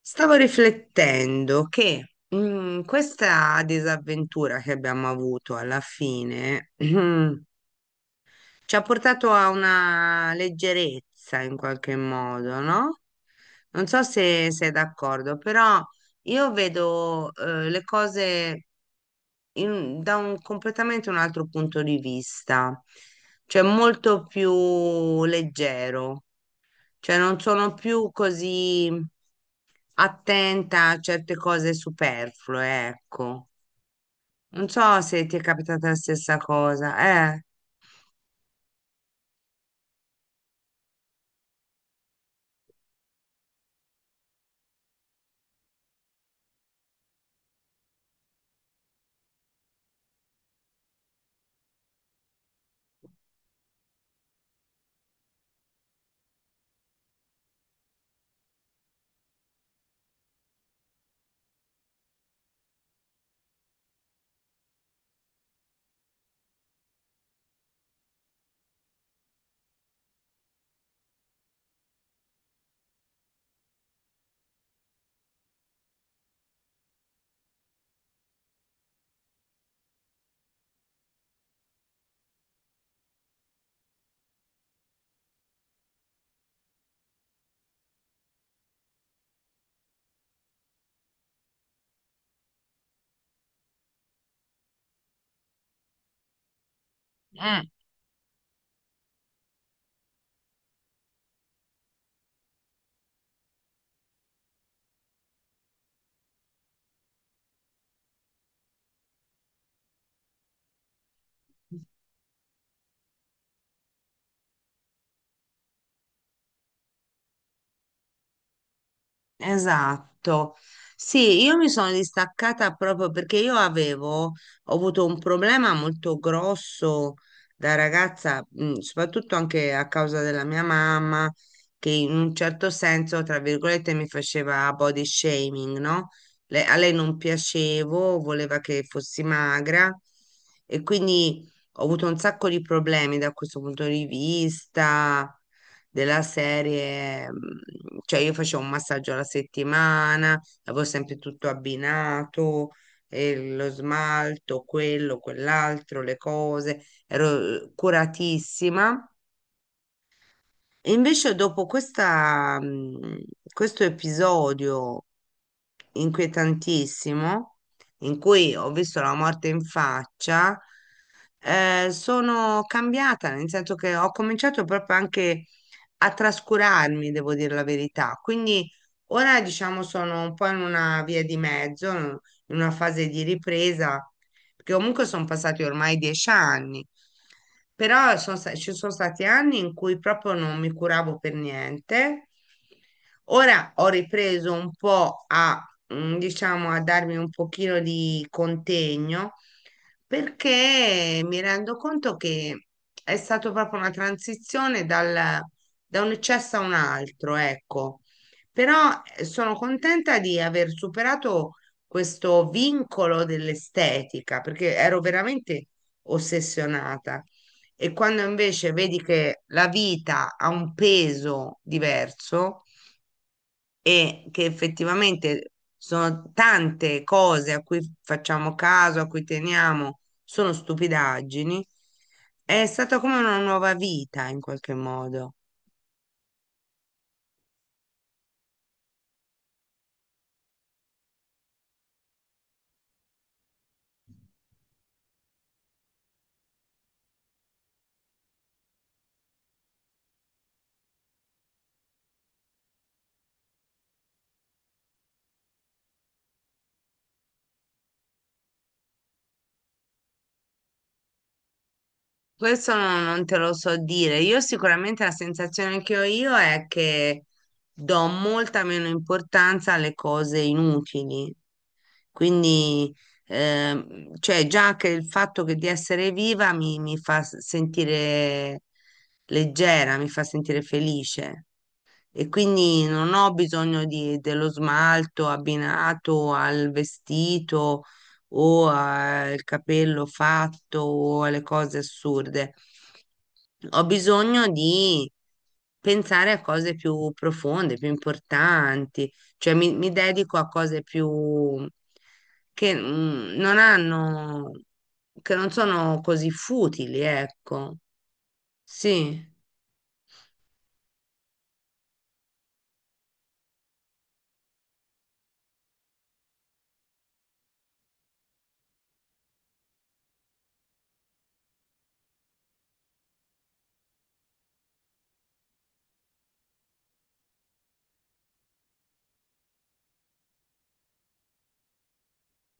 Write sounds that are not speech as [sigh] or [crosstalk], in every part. Stavo riflettendo che questa disavventura che abbiamo avuto alla fine [clears throat] ci ha portato a una leggerezza in qualche modo, no? Non so se sei d'accordo, però io vedo le cose da un completamente un altro punto di vista, cioè molto più leggero, cioè non sono più così attenta a certe cose superflue, ecco. Non so se ti è capitata la stessa cosa, eh. Mm. Esatto. Sì, io mi sono distaccata proprio perché ho avuto un problema molto grosso da ragazza, soprattutto anche a causa della mia mamma, che in un certo senso, tra virgolette, mi faceva body shaming, no? A lei non piacevo, voleva che fossi magra e quindi ho avuto un sacco di problemi da questo punto di vista della serie, cioè io facevo un massaggio alla settimana, avevo sempre tutto abbinato, lo smalto, quello, quell'altro, le cose, ero curatissima. E invece dopo questa, questo episodio inquietantissimo, in cui ho visto la morte in faccia, sono cambiata, nel senso che ho cominciato proprio anche a trascurarmi, devo dire la verità. Quindi ora, diciamo, sono un po' in una via di mezzo, in una fase di ripresa, perché comunque sono passati ormai 10 anni. Però ci sono stati anni in cui proprio non mi curavo per niente. Ora ho ripreso un po' a diciamo, a darmi un pochino di contegno perché mi rendo conto che è stata proprio una transizione da un eccesso a un altro, ecco. Però sono contenta di aver superato questo vincolo dell'estetica, perché ero veramente ossessionata. E quando invece vedi che la vita ha un peso diverso, e che effettivamente sono tante cose a cui facciamo caso, a cui teniamo, sono stupidaggini, è stata come una nuova vita in qualche modo. Questo non, non te lo so dire. Io sicuramente la sensazione che ho io è che do molta meno importanza alle cose inutili. Quindi, cioè già che il fatto che di essere viva mi fa sentire leggera, mi fa sentire felice e quindi non ho bisogno dello smalto abbinato al vestito o al capello fatto o alle cose assurde. Ho bisogno di pensare a cose più profonde, più importanti, cioè mi dedico a cose più che non hanno, che non sono così futili, ecco. Sì.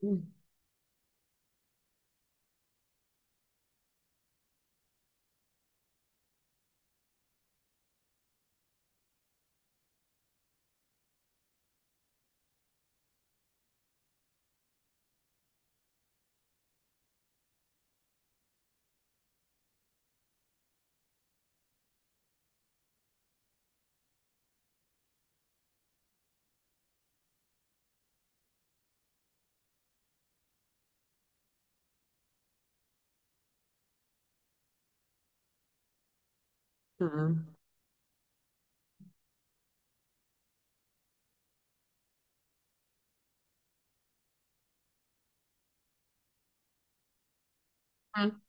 Mm. Mm. Mm.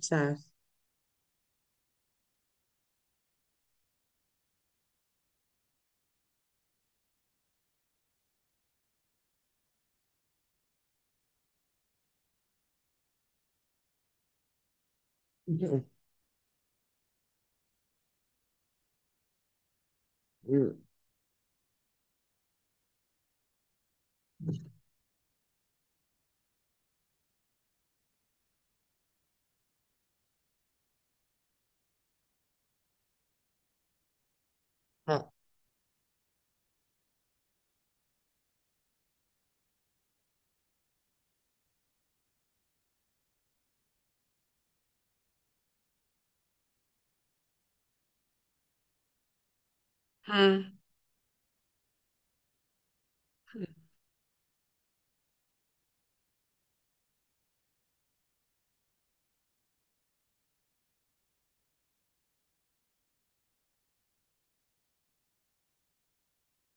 Certo. Eh. Eh, eh. Mm,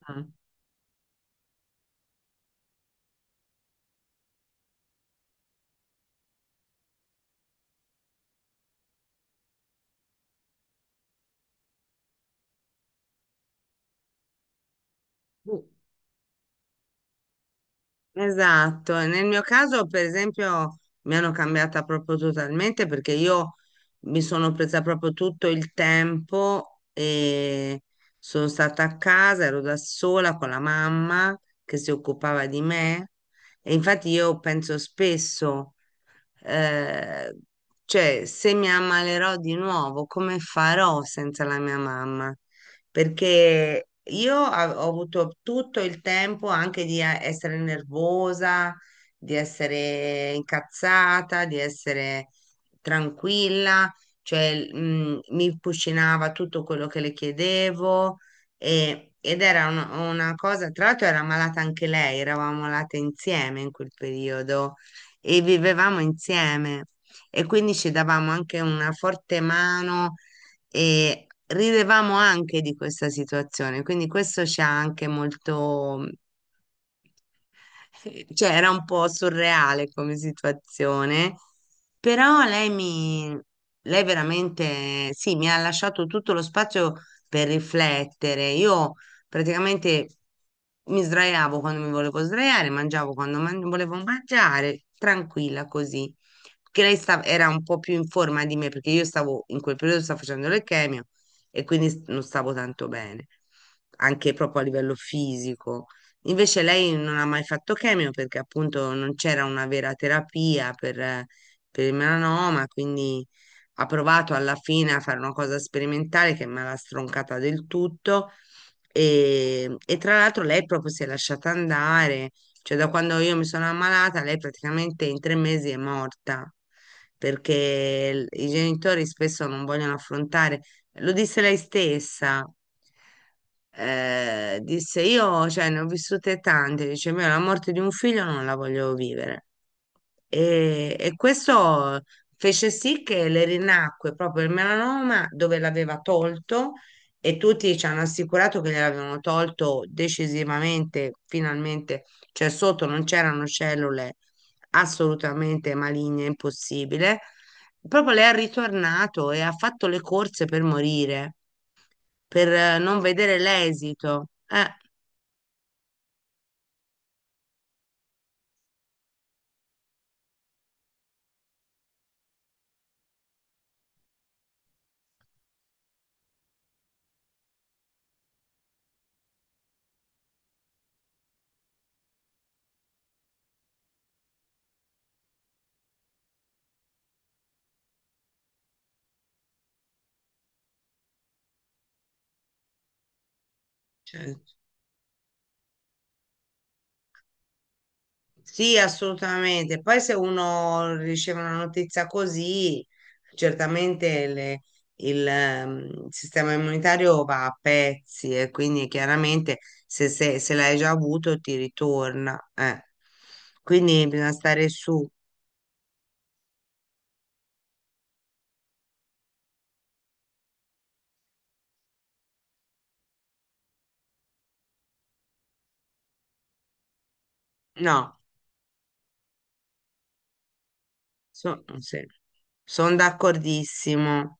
mm. Esatto, e nel mio caso per esempio mi hanno cambiata proprio totalmente perché io mi sono presa proprio tutto il tempo e sono stata a casa, ero da sola con la mamma che si occupava di me e infatti io penso spesso, eh, cioè se mi ammalerò di nuovo, come farò senza la mia mamma? Perché io ho avuto tutto il tempo anche di essere nervosa, di essere incazzata, di essere tranquilla, cioè mi cucinava tutto quello che le chiedevo ed era una cosa, tra l'altro era ammalata anche lei, eravamo malate insieme in quel periodo e vivevamo insieme e quindi ci davamo anche una forte mano e ridevamo anche di questa situazione, quindi questo ci ha anche molto, cioè era un po' surreale come situazione, però lei veramente, sì, mi ha lasciato tutto lo spazio per riflettere. Io praticamente mi sdraiavo quando mi volevo sdraiare, mangiavo quando volevo mangiare, tranquilla così. Perché lei era un po' più in forma di me, perché io stavo, in quel periodo stavo facendo le chemio e quindi non stavo tanto bene, anche proprio a livello fisico. Invece lei non ha mai fatto chemio perché appunto non c'era una vera terapia per il melanoma, quindi ha provato alla fine a fare una cosa sperimentale che me l'ha stroncata del tutto e tra l'altro lei proprio si è lasciata andare, cioè da quando io mi sono ammalata lei praticamente in 3 mesi è morta perché i genitori spesso non vogliono affrontare. Lo disse lei stessa. Disse io, cioè, ne ho vissute tante. Dice, me la morte di un figlio non la voglio vivere. E questo fece sì che le rinacque proprio il melanoma dove l'aveva tolto e tutti ci hanno assicurato che gliel'avevano tolto decisivamente, finalmente, cioè sotto non c'erano cellule assolutamente maligne, impossibile. Proprio lei è ritornato e ha fatto le corse per morire, per non vedere l'esito. Cioè, sì, assolutamente. Poi se uno riceve una notizia così, certamente il sistema immunitario va a pezzi e quindi chiaramente se l'hai già avuto ti ritorna. Eh. Quindi bisogna stare su. No, sono d'accordissimo.